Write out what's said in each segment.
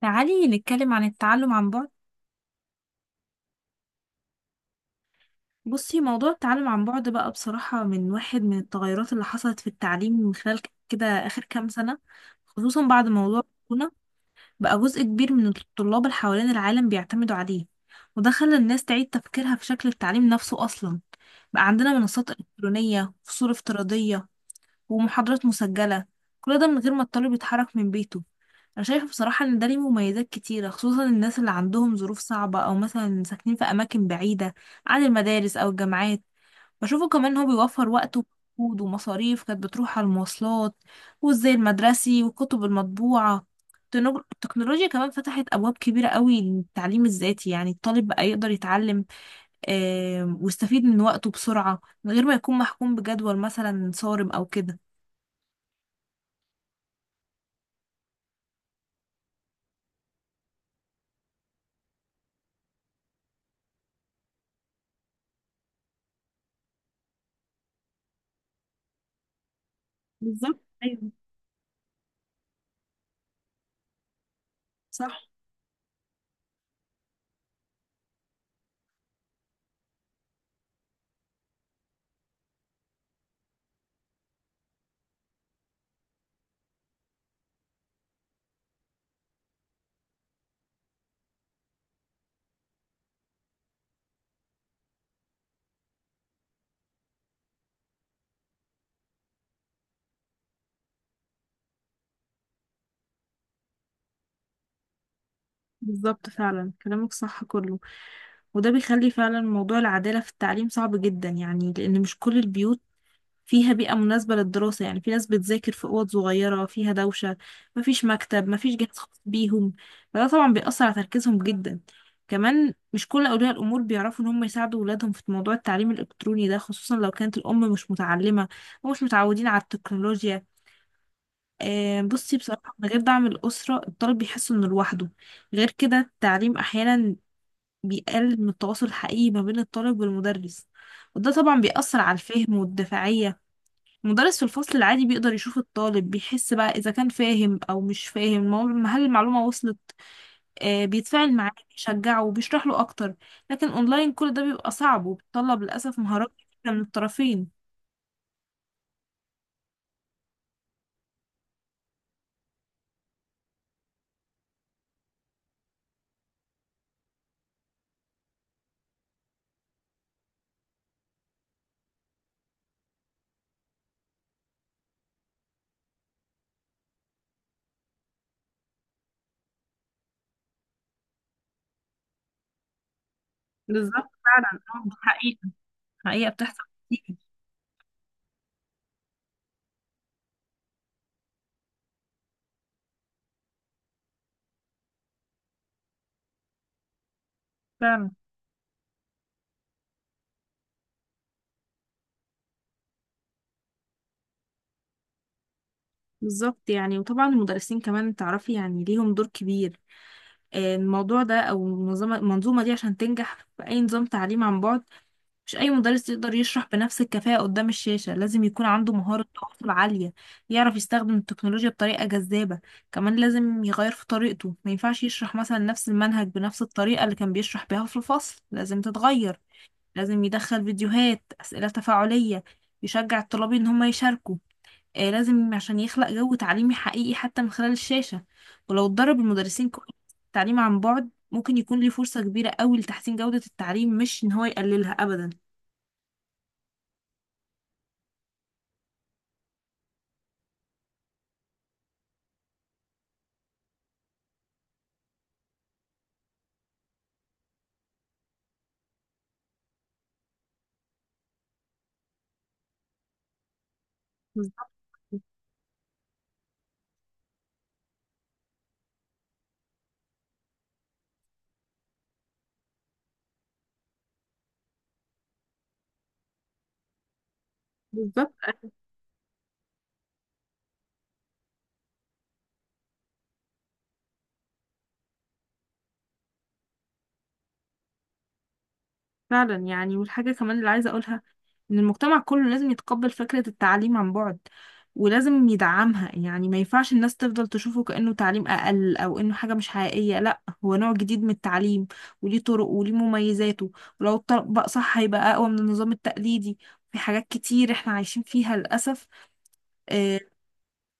تعالي نتكلم عن التعلم عن بعد. بصي، موضوع التعلم عن بعد بقى بصراحة من واحد من التغيرات اللي حصلت في التعليم من خلال كده آخر كام سنة، خصوصا بعد موضوع كورونا. بقى جزء كبير من الطلاب اللي حوالين العالم بيعتمدوا عليه، وده خلى الناس تعيد تفكيرها في شكل التعليم نفسه أصلا. بقى عندنا منصات إلكترونية، فصول افتراضية، ومحاضرات مسجلة، كل ده من غير ما الطالب يتحرك من بيته. أنا شايفة بصراحة إن ده ليه مميزات كتيرة، خصوصا الناس اللي عندهم ظروف صعبة، أو مثلا ساكنين في أماكن بعيدة عن المدارس أو الجامعات. بشوفه كمان إن هو بيوفر وقت ومجهود ومصاريف كانت بتروح على المواصلات والزي المدرسي والكتب المطبوعة. التكنولوجيا كمان فتحت أبواب كبيرة قوي للتعليم الذاتي، يعني الطالب بقى يقدر يتعلم ويستفيد من وقته بسرعة من غير ما يكون محكوم بجدول مثلا صارم أو كده. بالظبط، ايوه. صح. بالظبط، فعلا كلامك صح كله، وده بيخلي فعلا موضوع العدالة في التعليم صعب جدا، يعني لأن مش كل البيوت فيها بيئة مناسبة للدراسة. يعني في ناس بتذاكر في أوض صغيرة فيها دوشة، مفيش مكتب، مفيش جهاز خاص بيهم، فده طبعا بيأثر على تركيزهم جدا. كمان مش كل أولياء الأمور بيعرفوا إن هم يساعدوا ولادهم في موضوع التعليم الإلكتروني ده، خصوصا لو كانت الأم مش متعلمة ومش متعودين على التكنولوجيا. بصي، بصراحة من غير دعم الأسرة الطالب بيحس إنه لوحده. غير كده التعليم أحيانا بيقلل من التواصل الحقيقي ما بين الطالب والمدرس، وده طبعا بيأثر على الفهم والدفاعية. المدرس في الفصل العادي بيقدر يشوف الطالب، بيحس بقى إذا كان فاهم أو مش فاهم، هل المعلومة وصلت، بيتفاعل معاه، بيشجعه، وبيشرح له أكتر. لكن أونلاين كل ده بيبقى صعب، وبيتطلب للأسف مهارات كتيرة من الطرفين. بالظبط. فعلا. حقيقة. بتحصل كتير. فعلا. بالظبط، يعني وطبعا المدرسين كمان، تعرفي، يعني ليهم دور كبير الموضوع ده، او المنظومه دي عشان تنجح في اي نظام تعليم عن بعد. مش اي مدرس يقدر يشرح بنفس الكفاءه قدام الشاشه، لازم يكون عنده مهاره تواصل عاليه، يعرف يستخدم التكنولوجيا بطريقه جذابه. كمان لازم يغير في طريقته، ما ينفعش يشرح مثلا نفس المنهج بنفس الطريقه اللي كان بيشرح بيها في الفصل، لازم تتغير. لازم يدخل فيديوهات، اسئله تفاعليه، يشجع الطلاب ان هم يشاركوا، لازم عشان يخلق جو تعليمي حقيقي حتى من خلال الشاشة. ولو اتدرب المدرسين كويس على التعليم عن بعد، ممكن يكون ليه فرصة كبيرة قوي لتحسين جودة التعليم، مش إن هو يقللها أبدا. بالظبط. بالظبط، فعلا يعني. والحاجة كمان اللي عايزة أقولها إن المجتمع كله لازم يتقبل فكرة التعليم عن بعد، ولازم يدعمها. يعني ما ينفعش الناس تفضل تشوفه كأنه تعليم أقل، أو إنه حاجة مش حقيقية. لا، هو نوع جديد من التعليم، وليه طرق وليه مميزاته، ولو اتطبق صح هيبقى أقوى من النظام التقليدي في حاجات كتير إحنا عايشين فيها للأسف. آه،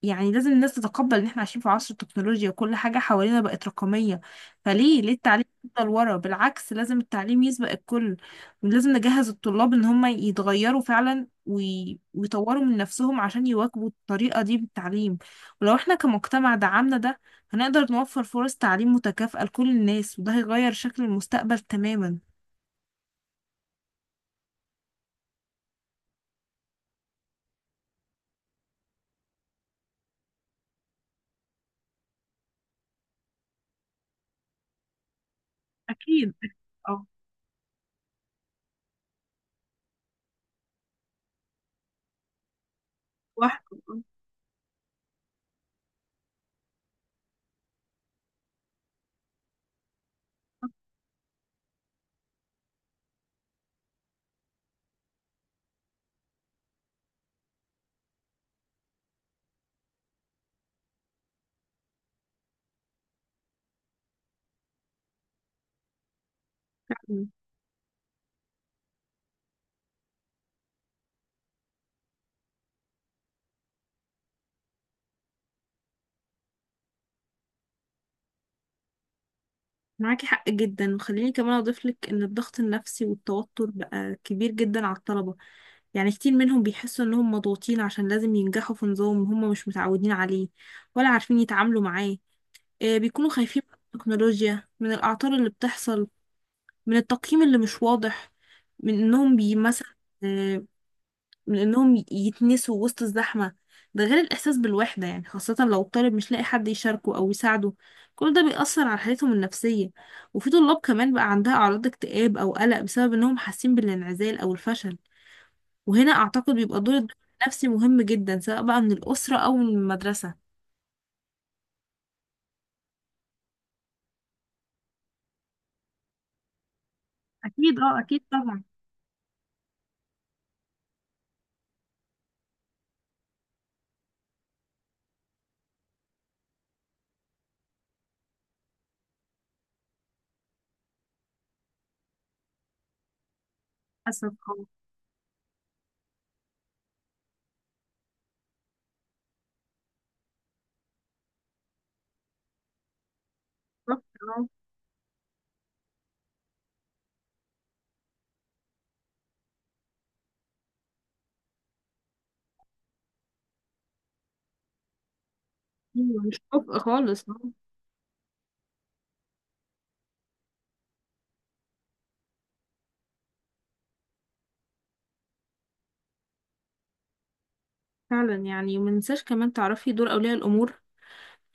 يعني لازم الناس تتقبل ان احنا عايشين في عصر التكنولوجيا، وكل حاجة حوالينا بقت رقمية، فليه التعليم يفضل ورا؟ بالعكس، لازم التعليم يسبق الكل، ولازم نجهز الطلاب ان هم يتغيروا فعلا ويطوروا من نفسهم عشان يواكبوا الطريقة دي بالتعليم. ولو احنا كمجتمع دعمنا ده، هنقدر نوفر فرص تعليم متكافئة لكل الناس، وده هيغير شكل المستقبل تماما. أكيد. اه. واحد. معاكي حق جدا. وخليني كمان اضيف لك ان الضغط النفسي والتوتر بقى كبير جدا على الطلبة. يعني كتير منهم بيحسوا انهم مضغوطين عشان لازم ينجحوا في نظام هم مش متعودين عليه ولا عارفين يتعاملوا معاه. بيكونوا خايفين من التكنولوجيا، من الاعطال اللي بتحصل، من التقييم اللي مش واضح، من انهم بي مثلا آه، من انهم ي- يتنسوا وسط الزحمة. ده غير الاحساس بالوحدة، يعني خاصة لو الطالب مش لاقي حد يشاركه او يساعده، كل ده بيأثر على حالتهم النفسية. وفي طلاب كمان بقى عندها اعراض اكتئاب او قلق بسبب انهم حاسين بالانعزال او الفشل، وهنا اعتقد بيبقى دور الدكتور النفسي مهم جدا، سواء بقى من الأسرة او من المدرسة. أكيد. اه، أكيد طبعا. حسب. اه. بالظبط، اه. أيوة، مش كفء خالص. اه. فعلا يعني، ومننساش كمان تعرفي دور أولياء الأمور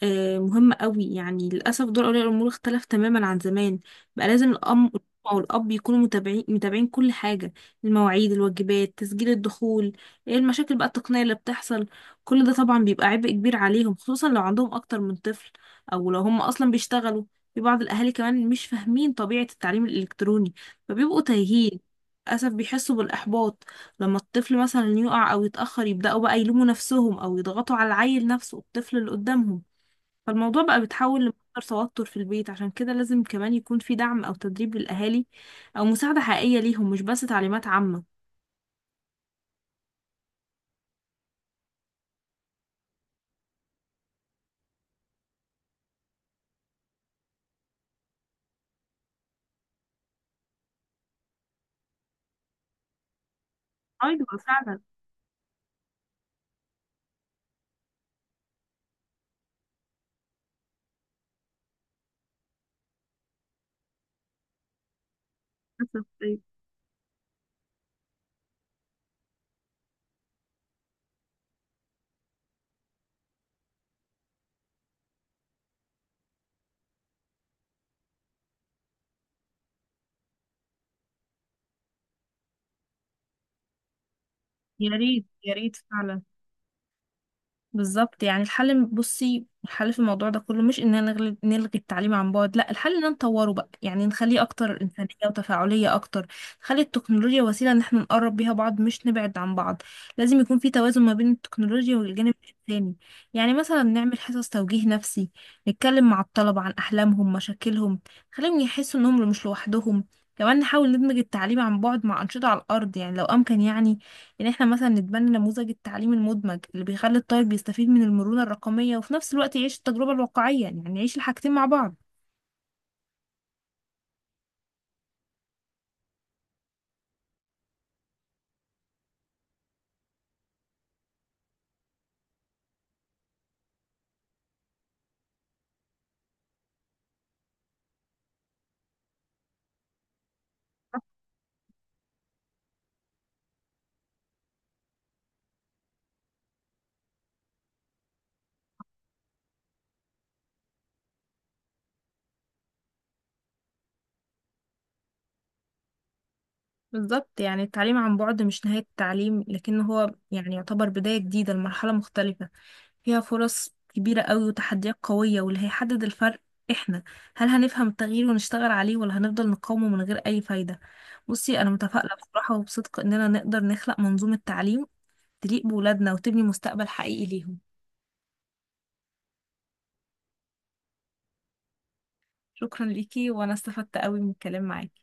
مهمة قوي. يعني للأسف دور أولياء الأمور اختلف تماما عن زمان، بقى لازم الأم أو الأب يكونوا متابعين كل حاجة، المواعيد، الواجبات، تسجيل الدخول، إيه المشاكل بقى التقنية اللي بتحصل. كل ده طبعا بيبقى عبء كبير عليهم، خصوصا لو عندهم أكتر من طفل، أو لو هم أصلا بيشتغلوا. في بعض الأهالي كمان مش فاهمين طبيعة التعليم الإلكتروني، فبيبقوا تايهين، للأسف بيحسوا بالإحباط. لما الطفل مثلا يقع أو يتأخر، يبدأوا بقى يلوموا نفسهم، أو يضغطوا على العيل نفسه، الطفل اللي قدامهم. فالموضوع بقى بيتحول لمصدر توتر في البيت. عشان كده لازم كمان يكون في دعم أو تدريب للأهالي، أو مساعدة حقيقية ليهم، مش بس تعليمات عامة. أيوة، فعلا. للأسف، أيوة. يا ريت، يا ريت فعلا. بالظبط، يعني الحل، بصي، الحل في الموضوع ده كله مش اننا نلغي التعليم عن بعد، لا، الحل ان نطوره بقى، يعني نخليه اكتر انسانية وتفاعلية اكتر. نخلي التكنولوجيا وسيلة ان احنا نقرب بيها بعض، مش نبعد عن بعض. لازم يكون في توازن ما بين التكنولوجيا والجانب الانساني، يعني مثلا نعمل حصص توجيه نفسي، نتكلم مع الطلبة عن احلامهم، مشاكلهم، نخليهم يحسوا انهم مش لوحدهم. كمان نحاول ندمج التعليم عن بعد مع أنشطة على الأرض يعني، لو أمكن يعني. يعني احنا مثلا نتبنى نموذج التعليم المدمج اللي بيخلي الطالب يستفيد من المرونة الرقمية، وفي نفس الوقت يعيش التجربة الواقعية، يعني يعيش الحاجتين مع بعض. بالظبط، يعني التعليم عن بعد مش نهاية التعليم، لكن هو يعني يعتبر بداية جديدة لمرحلة مختلفة، فيها فرص كبيرة قوي وتحديات قوية، واللي هيحدد الفرق احنا، هل هنفهم التغيير ونشتغل عليه، ولا هنفضل نقاومه من غير أي فايدة؟ بصي، أنا متفائلة بصراحة وبصدق إننا نقدر نخلق منظومة تعليم تليق بولادنا وتبني مستقبل حقيقي ليهم. شكرا ليكي، وانا استفدت قوي من الكلام معاكي.